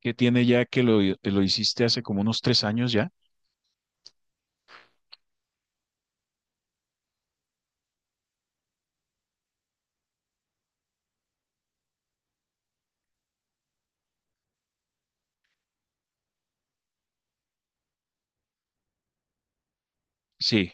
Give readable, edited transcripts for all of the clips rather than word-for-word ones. ¿Que tiene ya que lo hiciste hace como unos tres años ya? Sí,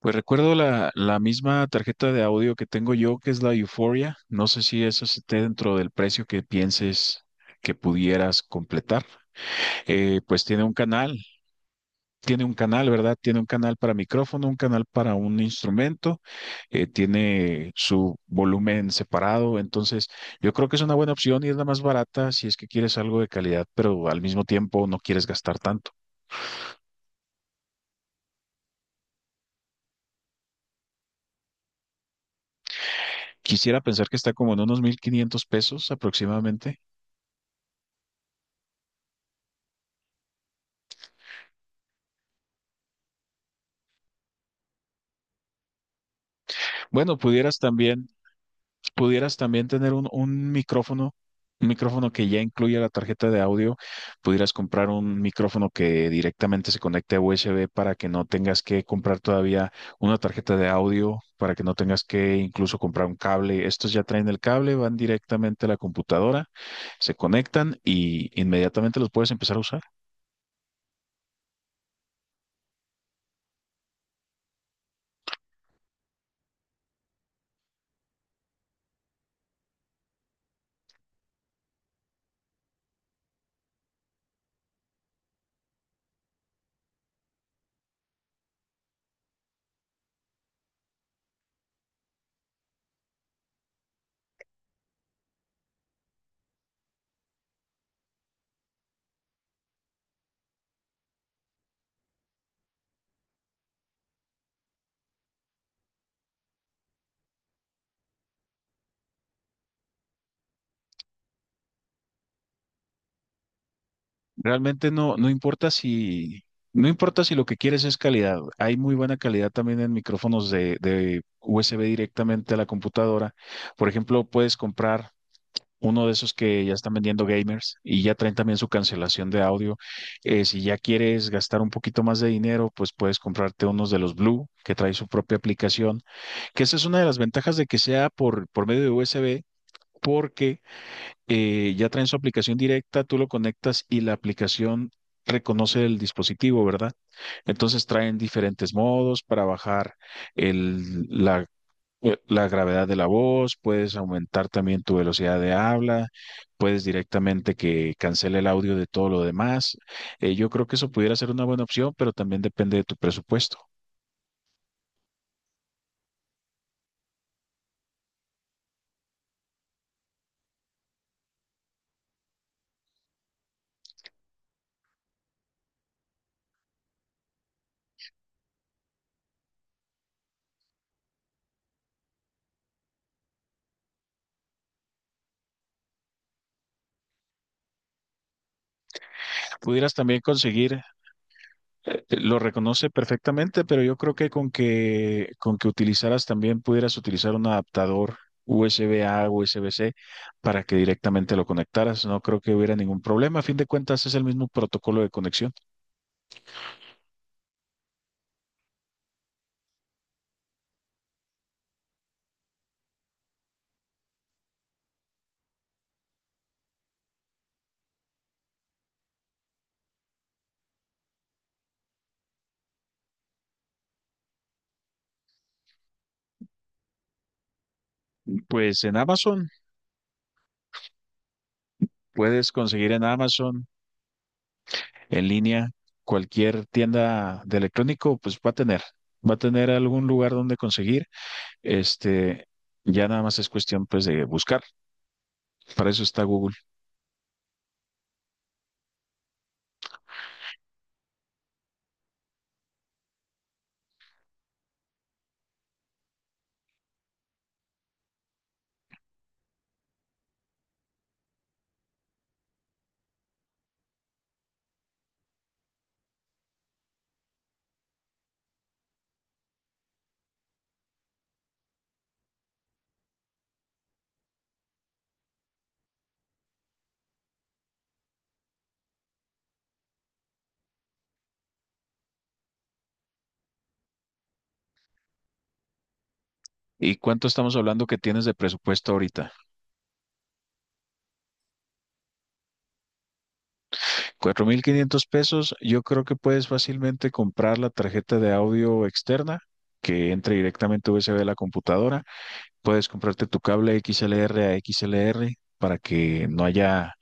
pues recuerdo la misma tarjeta de audio que tengo yo, que es la Euphoria. No sé si eso esté dentro del precio que pienses que pudieras completar. Pues tiene un canal, tiene un canal, ¿verdad? Tiene un canal para micrófono, un canal para un instrumento, tiene su volumen separado. Entonces yo creo que es una buena opción y es la más barata si es que quieres algo de calidad, pero al mismo tiempo no quieres gastar tanto. Quisiera pensar que está como en unos 1500 pesos aproximadamente. Bueno, pudieras también, pudieras también tener un micrófono que ya incluya la tarjeta de audio. Pudieras comprar un micrófono que directamente se conecte a USB para que no tengas que comprar todavía una tarjeta de audio, para que no tengas que incluso comprar un cable. Estos ya traen el cable, van directamente a la computadora, se conectan y inmediatamente los puedes empezar a usar. Realmente no, no importa si, no importa si lo que quieres es calidad. Hay muy buena calidad también en micrófonos de USB directamente a la computadora. Por ejemplo, puedes comprar uno de esos que ya están vendiendo gamers y ya traen también su cancelación de audio. Si ya quieres gastar un poquito más de dinero, pues puedes comprarte unos de los Blue que trae su propia aplicación, que esa es una de las ventajas de que sea por medio de USB, porque ya traen su aplicación directa, tú lo conectas y la aplicación reconoce el dispositivo, ¿verdad? Entonces traen diferentes modos para bajar el, la, la gravedad de la voz, puedes aumentar también tu velocidad de habla, puedes directamente que cancele el audio de todo lo demás. Yo creo que eso pudiera ser una buena opción, pero también depende de tu presupuesto. Pudieras también conseguir, lo reconoce perfectamente, pero yo creo que con que utilizaras, también pudieras utilizar un adaptador USB-A, USB-C para que directamente lo conectaras. No creo que hubiera ningún problema. A fin de cuentas es el mismo protocolo de conexión. Pues en Amazon puedes conseguir, en Amazon, en línea, cualquier tienda de electrónico, pues va a tener, va a tener algún lugar donde conseguir. Este, ya nada más es cuestión pues de buscar. Para eso está Google. ¿Y cuánto estamos hablando que tienes de presupuesto ahorita? 4500 pesos, yo creo que puedes fácilmente comprar la tarjeta de audio externa que entre directamente USB a la computadora. Puedes comprarte tu cable XLR a XLR para que no haya,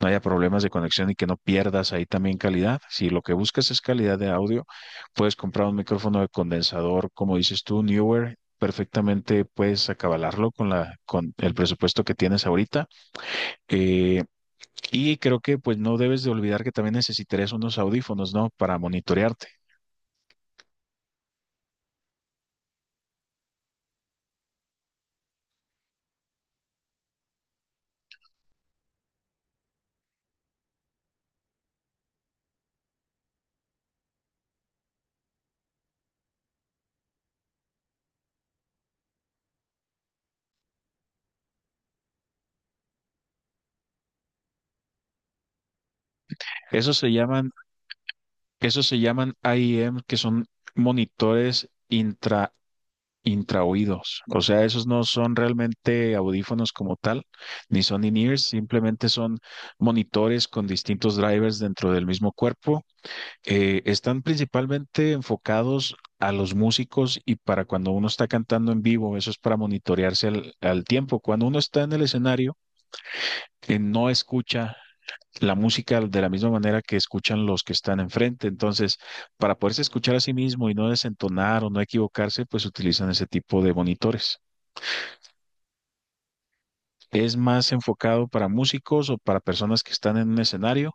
no haya problemas de conexión y que no pierdas ahí también calidad. Si lo que buscas es calidad de audio, puedes comprar un micrófono de condensador, como dices tú, Newer. Perfectamente puedes acabalarlo con la, con el presupuesto que tienes ahorita. Eh, Y creo que pues no debes de olvidar que también necesitarías unos audífonos, ¿no? Para monitorearte. Esos se llaman, esos se llaman IEM, que son monitores intra, intraoídos. O sea, esos no son realmente audífonos como tal, ni son in-ears, simplemente son monitores con distintos drivers dentro del mismo cuerpo. Están principalmente enfocados a los músicos y para cuando uno está cantando en vivo, eso es para monitorearse al al tiempo. Cuando uno está en el escenario, que no escucha la música de la misma manera que escuchan los que están enfrente. Entonces, para poderse escuchar a sí mismo y no desentonar o no equivocarse, pues utilizan ese tipo de monitores. ¿Es más enfocado para músicos o para personas que están en un escenario?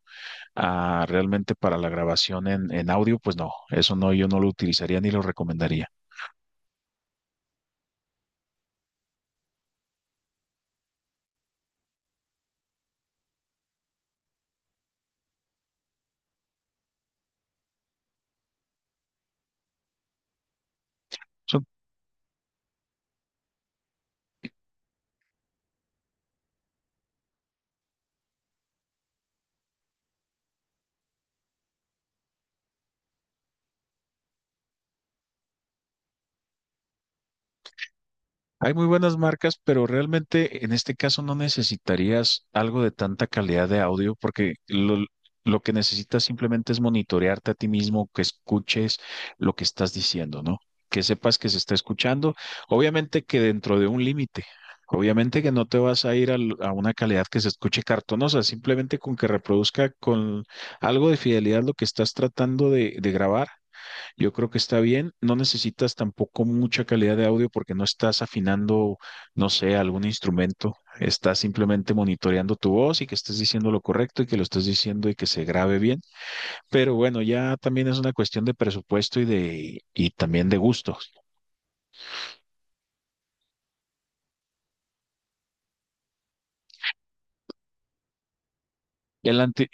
Ah, realmente para la grabación en audio, pues no, eso no, yo no lo utilizaría ni lo recomendaría. Son hay muy buenas marcas, pero realmente en este caso no necesitarías algo de tanta calidad de audio, porque lo que necesitas simplemente es monitorearte a ti mismo, que escuches lo que estás diciendo, ¿no? Que sepas que se está escuchando. Obviamente que dentro de un límite. Obviamente que no te vas a ir al- a una calidad que se escuche cartonosa, simplemente con que reproduzca con algo de fidelidad lo que estás tratando de grabar yo creo que está bien. No necesitas tampoco mucha calidad de audio porque no estás afinando, no sé, algún instrumento. Estás simplemente monitoreando tu voz y que estés diciendo lo correcto y que lo estés diciendo y que se grabe bien. Pero bueno, ya también es una cuestión de presupuesto y de y también de gustos. El anti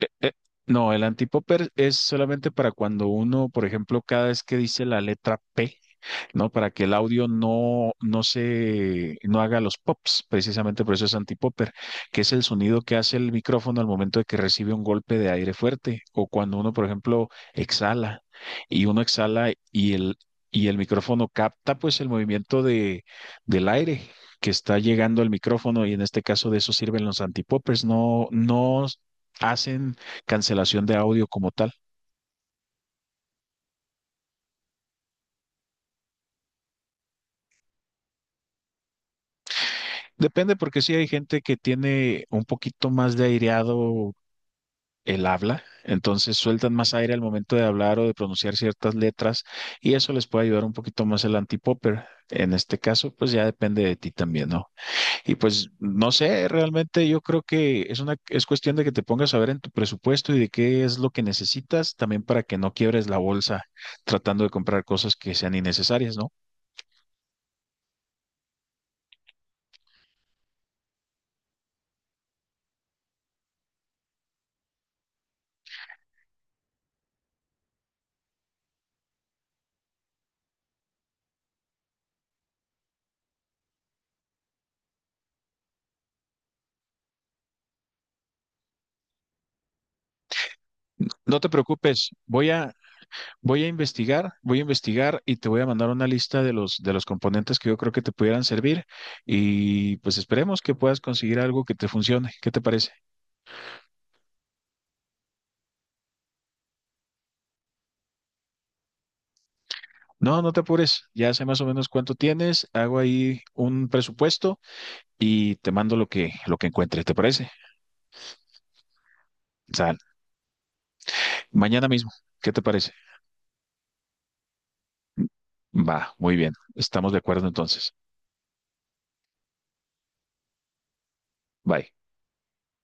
eh, eh, no, el antipopper es solamente para cuando uno, por ejemplo, cada vez que dice la letra P, ¿no? Para que el audio no, no se, no haga los pops, precisamente por eso es antipopper, que es el sonido que hace el micrófono al momento de que recibe un golpe de aire fuerte o cuando uno, por ejemplo, exhala y uno exhala y el micrófono capta pues el movimiento de, del aire que está llegando al micrófono y en este caso de eso sirven los antipoppers, no, no hacen cancelación de audio como tal. Depende porque sí hay gente que tiene un poquito más de aireado el habla, entonces sueltan más aire al momento de hablar o de pronunciar ciertas letras y eso les puede ayudar un poquito más el antipopper. En este caso, pues ya depende de ti también, ¿no? Y pues no sé, realmente yo creo que es una es cuestión de que te pongas a ver en tu presupuesto y de qué es lo que necesitas también para que no quiebres la bolsa tratando de comprar cosas que sean innecesarias, ¿no? No te preocupes, voy a, voy a investigar, voy a investigar y te voy a mandar una lista de los, de los componentes que yo creo que te pudieran servir y pues esperemos que puedas conseguir algo que te funcione. ¿Qué te parece? No, no te apures. Ya sé más o menos cuánto tienes, hago ahí un presupuesto y te mando lo que, lo que encuentre, ¿te parece? Sal. Mañana mismo. ¿Qué te parece? Va, muy bien. Estamos de acuerdo entonces. Bye.